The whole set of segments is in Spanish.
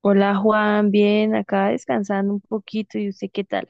Hola Juan, bien, acá descansando un poquito. ¿Y usted qué tal?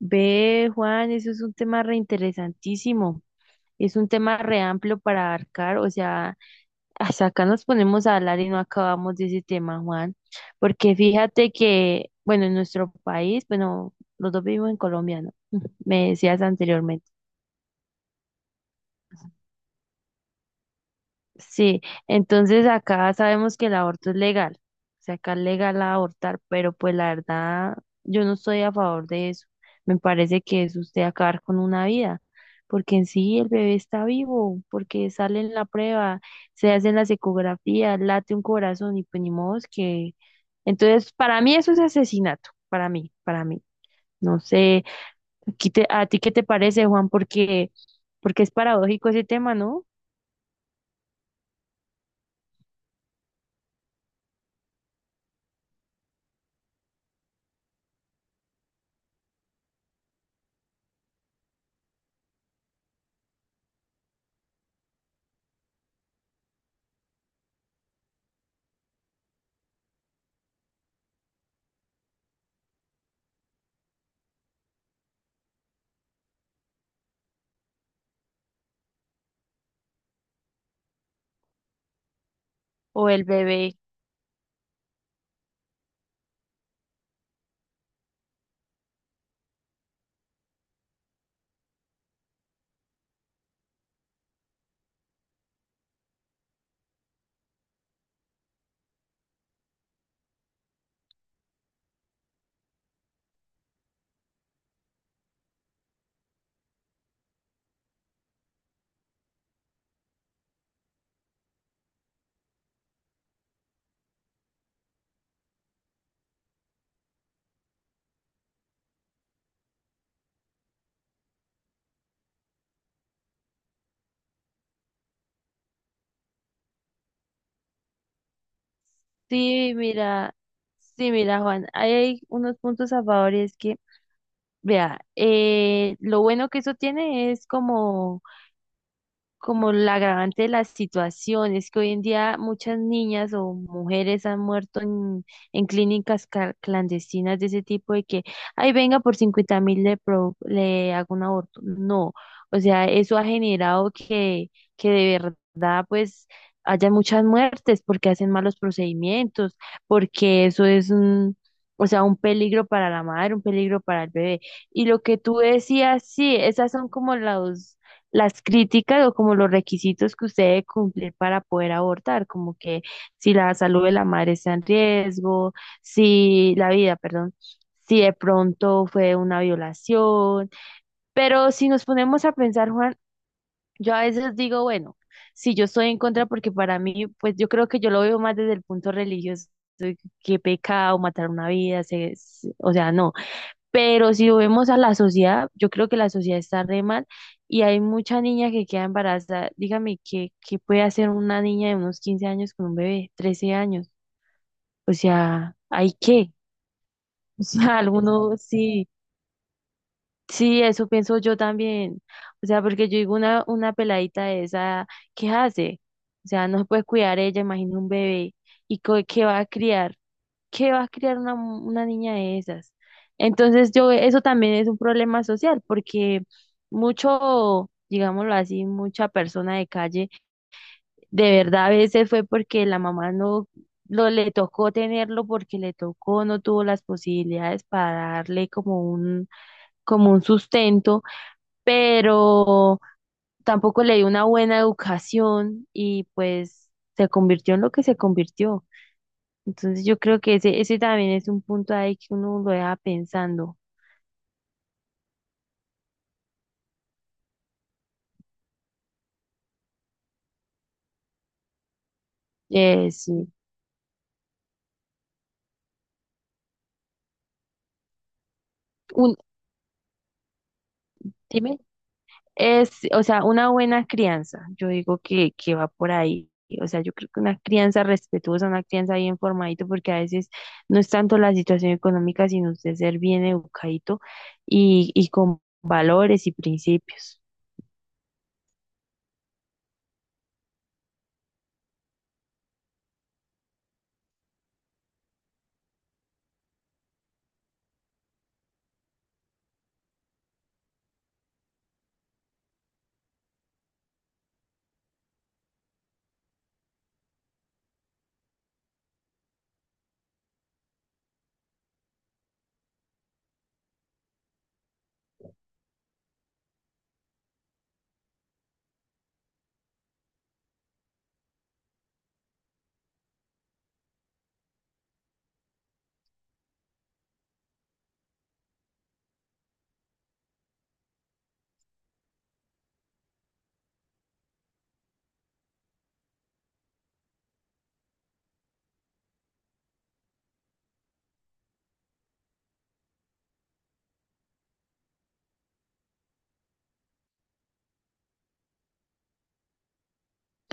Ve, Juan, eso es un tema reinteresantísimo. Es un tema re amplio para abarcar, o sea, hasta acá nos ponemos a hablar y no acabamos de ese tema, Juan, porque fíjate que, bueno, en nuestro país, bueno, los dos vivimos en Colombia, ¿no? Me decías anteriormente. Sí, entonces acá sabemos que el aborto es legal, o sea, acá es legal abortar, pero pues la verdad yo no estoy a favor de eso. Me parece que es usted acabar con una vida, porque en sí el bebé está vivo, porque sale en la prueba, se hacen las ecografías, late un corazón y pues ni modo es que... Entonces, para mí eso es asesinato, para mí, para mí. No sé, aquí ¿a ti qué te parece, Juan? Porque, porque es paradójico ese tema, ¿no? O el bebé. Sí, mira, sí, mira, Juan, ahí hay unos puntos a favor y es que, vea, lo bueno que eso tiene es como como la agravante de la situación, es que hoy en día muchas niñas o mujeres han muerto en clínicas clandestinas de ese tipo de que, ay, venga, por 50.000 le, le hago un aborto. No, o sea, eso ha generado que de verdad, pues, haya muchas muertes porque hacen malos procedimientos, porque eso es un... O sea, un peligro para la madre, un peligro para el bebé. Y lo que tú decías, sí, esas son como las críticas o como los requisitos que usted debe cumplir para poder abortar, como que si la salud de la madre está en riesgo, si la vida, perdón, si de pronto fue una violación. Pero si nos ponemos a pensar, Juan, yo a veces digo, bueno, si yo estoy en contra, porque para mí, pues yo creo que yo lo veo más desde el punto religioso, que pecado matar una vida, o sea, no. Pero si lo vemos a la sociedad, yo creo que la sociedad está re mal y hay mucha niña que queda embarazada. Dígame, ¿qué, qué puede hacer una niña de unos 15 años con un bebé, 13 años? O sea, ¿hay qué? O sea, alguno sí, sí, eso pienso yo también. O sea, porque yo digo una peladita de esa, ¿qué hace? O sea, no se puede cuidar ella, imagina un bebé. ¿Y qué va a criar? ¿Qué va a criar una, una niña de esas? Entonces yo, eso también es un problema social, porque mucho, digámoslo así, mucha persona de calle, de verdad a veces fue porque la mamá no lo le tocó tenerlo porque le tocó, no tuvo las posibilidades para darle como un sustento, pero tampoco le dio una buena educación y pues se convirtió en lo que se convirtió. Entonces yo creo que ese también es un punto ahí que uno lo deja pensando. Sí. Un, dime, es, o sea, una buena crianza, yo digo que va por ahí. O sea, yo creo que una crianza respetuosa, una crianza bien formadito, porque a veces no es tanto la situación económica, sino usted ser bien educadito y con valores y principios.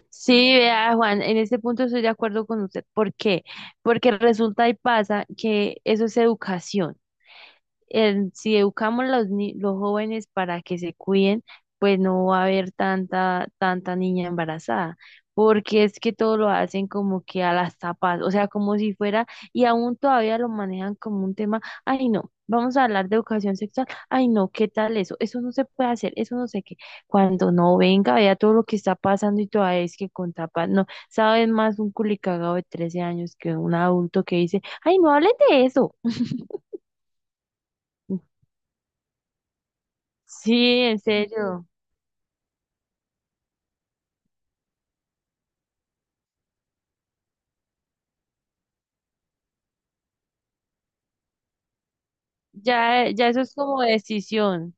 Sí, vea, Juan, en este punto estoy de acuerdo con usted. ¿Por qué? Porque resulta y pasa que eso es educación. Si educamos a los, los jóvenes para que se cuiden, pues no va a haber tanta, tanta niña embarazada, porque es que todo lo hacen como que a las tapas, o sea, como si fuera, y aún todavía lo manejan como un tema, ay no, vamos a hablar de educación sexual, ay no, ¿qué tal eso? Eso no se puede hacer, eso no sé qué. Cuando no venga, vea todo lo que está pasando y todavía es que con tapas, no, sabes más un culicagado de 13 años que un adulto que dice, ay no hables de eso. Sí, en serio. Ya, ya eso es como decisión.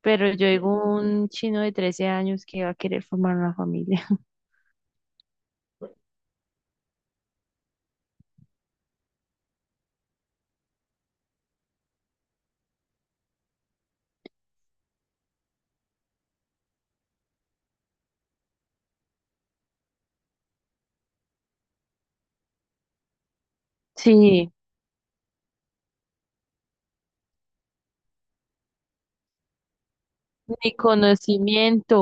Pero yo digo un chino de 13 años que va a querer formar una familia. Sí, ni conocimiento.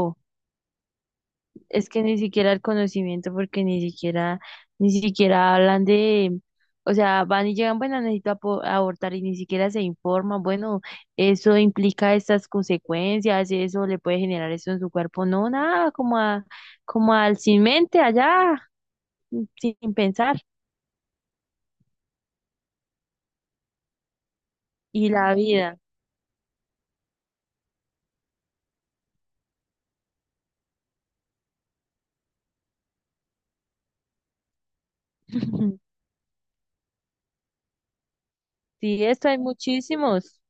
Es que ni siquiera el conocimiento, porque ni siquiera, ni siquiera hablan de, o sea, van y llegan, bueno, necesito abortar y ni siquiera se informan, bueno, eso implica estas consecuencias, eso le puede generar eso en su cuerpo. No, nada, como a, como al sin mente allá, sin pensar. Y la vida. Sí, esto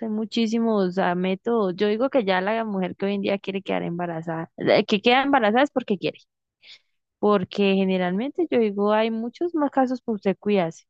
hay muchísimos métodos. Yo digo que ya la mujer que hoy en día quiere quedar embarazada, que queda embarazada es porque quiere, porque generalmente yo digo hay muchos más casos por usted cuidarse.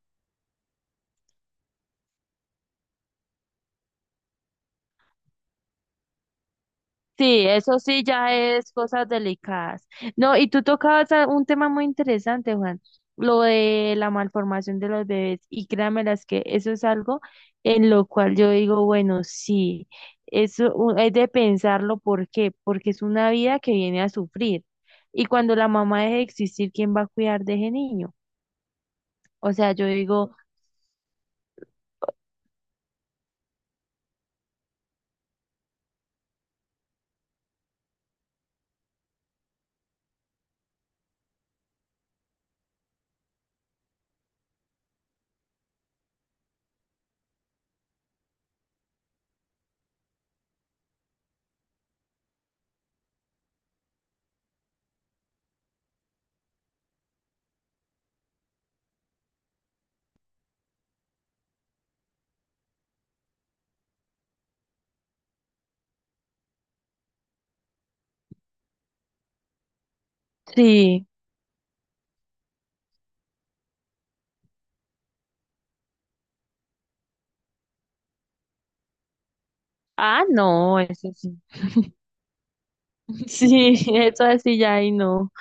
Sí, eso sí ya es cosas delicadas. No, y tú tocabas un tema muy interesante, Juan, lo de la malformación de los bebés. Y créanme las que eso es algo en lo cual yo digo, bueno, sí, eso es de pensarlo, ¿por qué? Porque es una vida que viene a sufrir. Y cuando la mamá deje de existir, ¿quién va a cuidar de ese niño? O sea, yo digo, sí, ah, no, eso sí. Sí, eso así ya y no.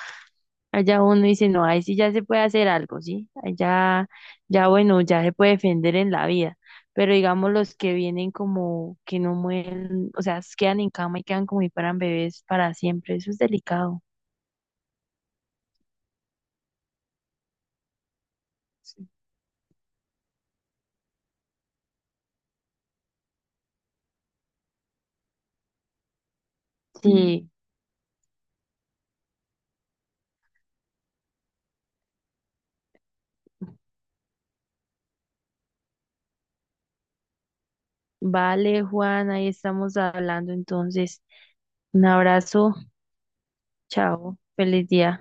Allá uno dice, no, ahí sí ya se puede hacer algo, ¿sí? Allá, ya bueno, ya se puede defender en la vida. Pero digamos los que vienen como que no mueren, o sea, quedan en cama y quedan como si fueran bebés para siempre, eso es delicado. Sí. Sí, vale, Juan, ahí estamos hablando entonces. Un abrazo, chao, feliz día.